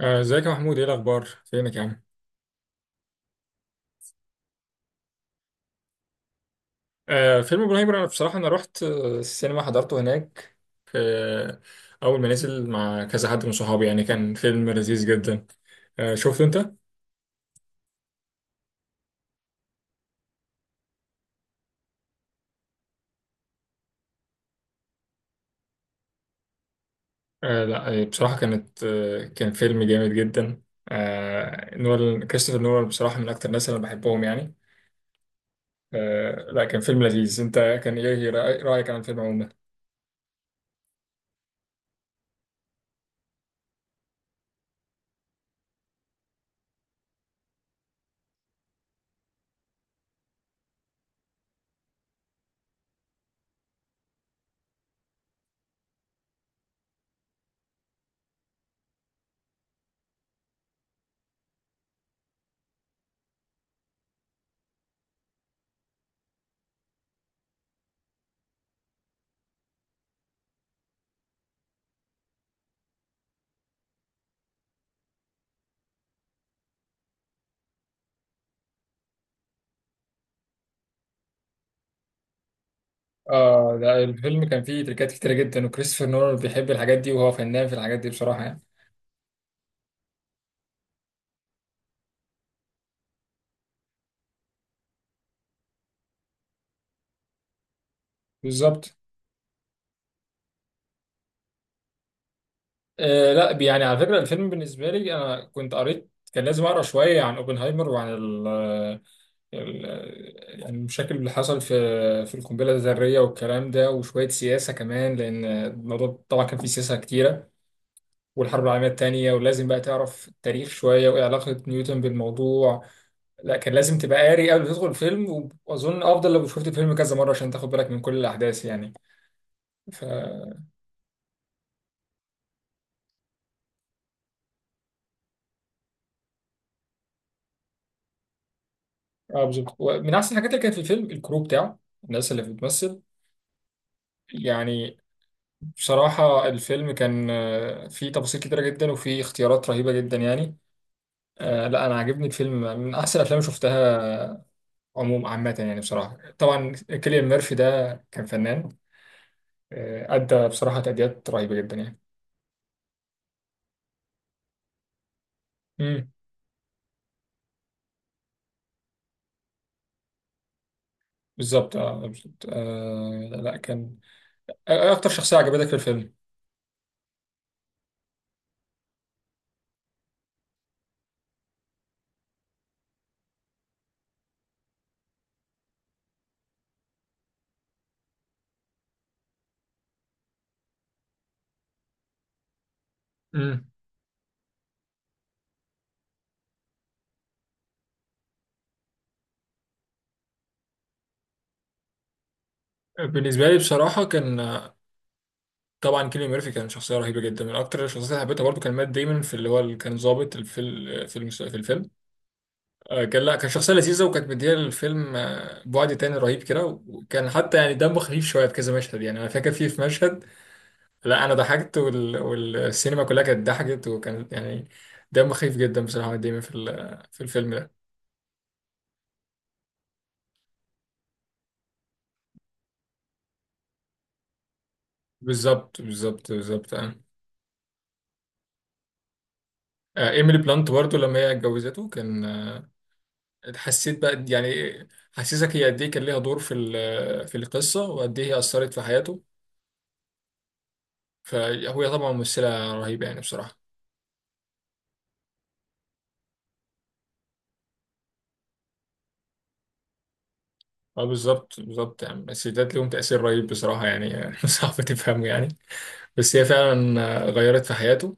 ازيك يا محمود؟ ايه الاخبار؟ فينك يا عم؟ فيلم ابراهيم الابيض، انا بصراحه رحت السينما، حضرته هناك في اول ما نزل مع كذا حد من صحابي، يعني كان فيلم لذيذ جدا. شفته انت؟ آه، لا آه، بصراحه كان فيلم جامد جدا. آه، نول كريستوفر نولان بصراحه من اكتر الناس اللي انا بحبهم يعني. لا، كان فيلم لذيذ. انت كان ايه رايك عن الفيلم عموما؟ اه لا، الفيلم كان فيه تريكات كتيرة جدا، وكريستوفر نولان بيحب الحاجات دي، وهو فنان في الحاجات دي بصراحة يعني. بالظبط. آه لا، يعني على فكرة الفيلم بالنسبة لي، أنا كنت قريت، كان لازم أقرأ شوية عن أوبنهايمر وعن ال آه، ال آه، يعني المشاكل اللي حصل في القنبلة الذرية والكلام ده، وشوية سياسة كمان، لأن الموضوع طبعا كان فيه سياسة كتيرة، والحرب العالمية التانية. ولازم بقى تعرف التاريخ شوية، وإيه علاقة نيوتن بالموضوع. لا كان لازم تبقى قاري قبل ما تدخل الفيلم، وأظن أفضل لو شفت الفيلم كذا مرة عشان تاخد بالك من كل الأحداث يعني. ف آه بالظبط. ومن أحسن الحاجات اللي كانت في الفيلم الكرو بتاعه، الناس اللي بتمثل يعني. بصراحة الفيلم كان فيه تفاصيل كتيرة جدا، وفيه اختيارات رهيبة جدا يعني. لا أنا عاجبني الفيلم، من أحسن الأفلام اللي شفتها عموما عامة يعني. بصراحة طبعا كيليان ميرفي ده كان فنان، أدى بصراحة تأديات رهيبة جدا يعني. امم بالظبط، اه بالظبط. لا كان آه، إيه أكتر شخصية عجبتك في الفيلم؟ امم بالنسبة لي بصراحة كان آه، طبعا كيليان ميرفي كان شخصية رهيبة جدا، من أكتر الشخصيات اللي حبيتها. برضه كان مات دايما في اللي هو اللي كان ظابط في في الفيلم. آه، كان لا كان شخصية لذيذة، وكانت مدية للفيلم بعد تاني رهيب كده، وكان حتى يعني دمه خفيف شوية في كذا مشهد. يعني أنا فاكر فيه في مشهد، لا أنا ضحكت والسينما كلها كانت ضحكت، وكان يعني دمه خفيف جدا بصراحة. مات ديمون في في الفيلم ده. بالظبط بالظبط بالظبط آه. إيميلي بلانت برضه لما هي اتجوزته كان آه، حسيت بقى يعني، حسيتك هي قد إيه كان ليها دور في في القصة، وقد إيه هي أثرت في حياته. فهو طبعا ممثلة رهيبة يعني بصراحة. اه بالظبط بالظبط، يعني السيدات ليهم تأثير رهيب بصراحة يعني. صعب تفهمه يعني. بس هي فعلا غيرت في حياته.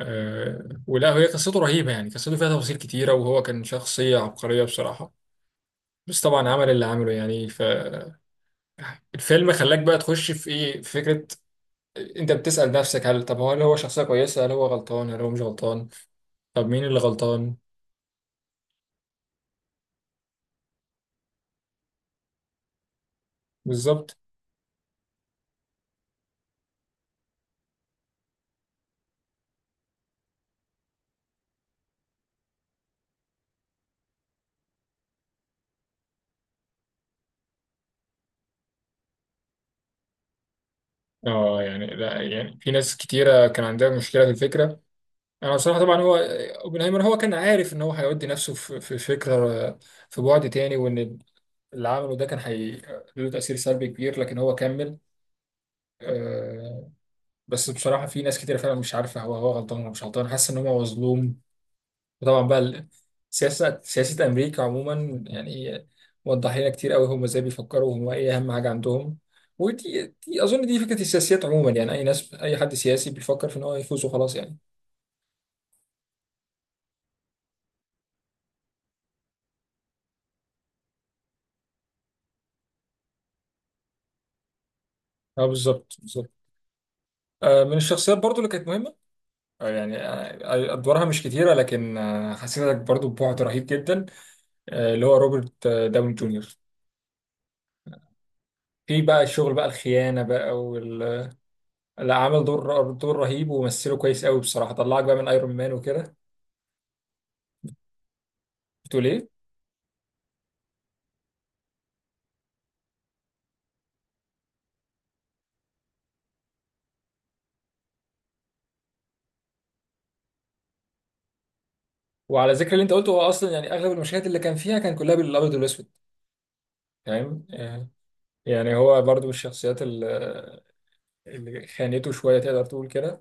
ولا هي قصته رهيبة، يعني قصته فيها تفاصيل كتيرة، وهو كان شخصية عبقرية بصراحة. بس طبعا عمل اللي عمله يعني، فالفيلم خلاك بقى تخش في ايه، في فكرة. انت بتسأل نفسك، هل طب هو، هل هو شخصية كويسة، هل هو غلطان، هل هو مش غلطان؟ طب مين اللي غلطان؟ بالظبط. اه يعني لا يعني في ناس كتيرة كان عندها مشكلة في الفكرة. انا بصراحه طبعا هو اوبنهايمر هو كان عارف ان هو هيودي نفسه في فكره، في بعد تاني. وان اللي عمله ده كان له تاثير سلبي كبير، لكن هو كمل. آه، بس بصراحه في ناس كتير فعلا مش عارفه هو هو غلطان ولا مش غلطان، حاسس ان هو مظلوم. وطبعا بقى سياسه امريكا عموما يعني، وضح لنا كتير قوي هم ازاي بيفكروا، وهم ايه اهم حاجه عندهم. ودي دي اظن دي فكره السياسيات عموما يعني، اي ناس اي حد سياسي بيفكر في ان هو يفوز وخلاص يعني. اه بالظبط بالظبط. من الشخصيات برضو اللي كانت مهمه، ادوارها مش كتيره، لكن حسيتك برضو ببعد رهيب جدا. اللي هو روبرت داون جونيور، في بقى الشغل بقى الخيانه بقى وال. لا عامل دور رهيب، ومثله كويس قوي بصراحه، طلعك بقى من ايرون مان وكده. بتقول ايه؟ وعلى ذكر اللي انت قلته، هو اصلا يعني اغلب المشاهد اللي كان فيها كان كلها بالابيض والاسود، فاهم؟ يعني هو برضو من الشخصيات اللي خانته شويه، تقدر تقول كده.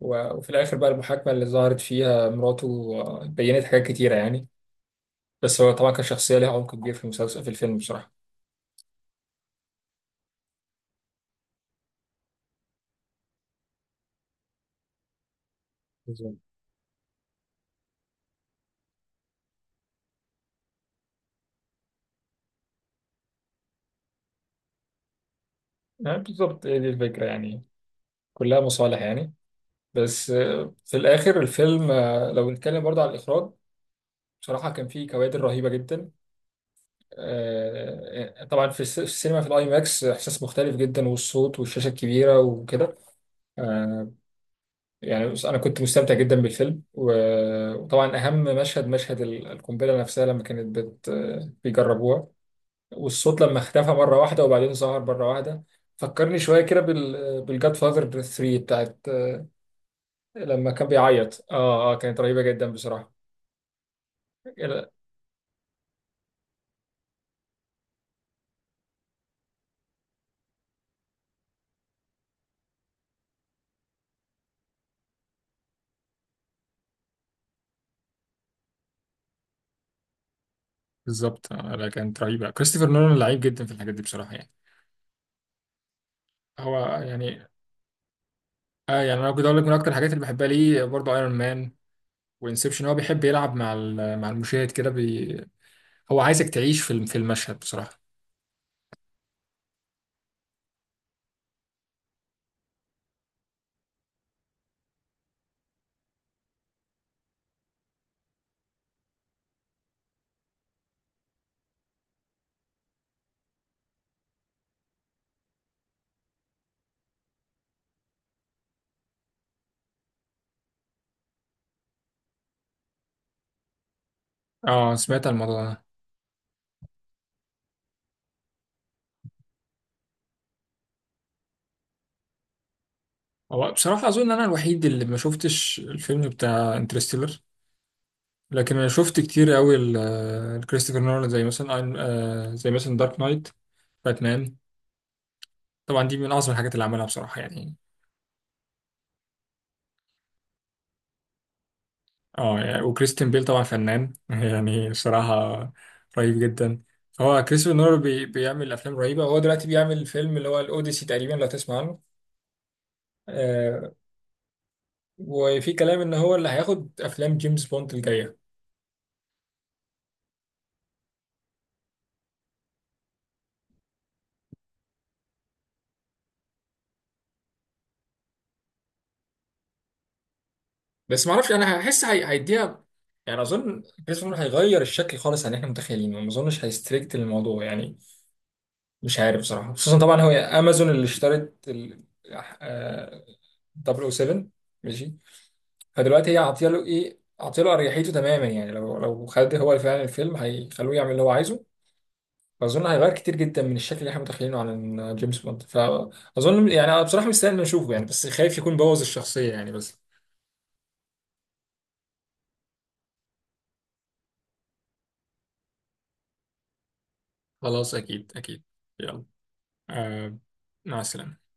وفي الاخر بقى المحاكمه اللي ظهرت فيها مراته بينت حاجات كتيره يعني. بس هو طبعا كان شخصية ليها عمق كبير في المسلسل، في الفيلم بصراحة. بالظبط، يعني بالظبط هي دي الفكرة يعني، كلها مصالح يعني. بس في الآخر الفيلم، لو نتكلم برضه على الإخراج، بصراحة كان فيه كوادر رهيبة جدا. طبعا في في السينما، في الآي ماكس إحساس مختلف جدا، والصوت والشاشة الكبيرة وكده. آه، أنا كنت مستمتع جدا بالفيلم، وطبعا أهم مشهد مشهد القنبلة نفسها، لما كانت بيجربوها. والصوت لما اختفى مرة واحدة وبعدين ظهر مرة واحدة، فكرني شوية كده بالجاد فاذر 3 بتاعت لما كان بيعيط. اه اه، كانت رهيبة جدا بصراحة. بالظبط. لا كانت رهيبة، كريستوفر نولان لعيب جدا في الحاجات دي بصراحة يعني. هو يعني. اه يعني انا كنت اقول لك، من اكتر الحاجات اللي بحبها ليه برضه ايرون مان وانسبشن، هو بيحب يلعب مع مع المشاهد كده هو عايزك تعيش في في المشهد بصراحة. اه سمعت عن الموضوع ده. هو بصراحة اظن انا الوحيد اللي ما شفتش الفيلم بتاع انترستيلر، لكن انا شفت كتير قوي الكريستوفر نولان، زي مثلا زي مثلا دارك نايت، باتمان. طبعا دي من اعظم الحاجات اللي عملها بصراحه يعني. اه يعني، وكريستيان بيل طبعا فنان يعني بصراحه، رهيب جدا. فهو كريستوفر نولان بيعمل افلام رهيبه. هو دلوقتي بيعمل فيلم اللي هو الاوديسي تقريبا، لو تسمع عنه. آه. وفي كلام ان هو اللي هياخد افلام جيمس بوند الجايه. بس ما اعرفش انا هحس هيديها. يعني اظن كريستوفر نولان هيغير الشكل خالص عن اللي احنا متخيلينه، ما اظنش هيستريكت الموضوع يعني. مش عارف بصراحة، خصوصا طبعا هو امازون اللي اشترت ال آه، 007. ماشي. فدلوقتي هي عاطيه له ايه، عاطيه له اريحيته تماما يعني. لو خد هو فعلا الفيلم، هيخلوه يعمل اللي هو عايزه. فاظن هيغير كتير جدا من الشكل اللي احنا متخيلينه عن جيمس بوند. فاظن يعني انا بصراحة مستني إني اشوفه يعني، بس خايف يكون بوظ الشخصية يعني. بس خلاص، اكيد اكيد. يلا آه. مع السلامة.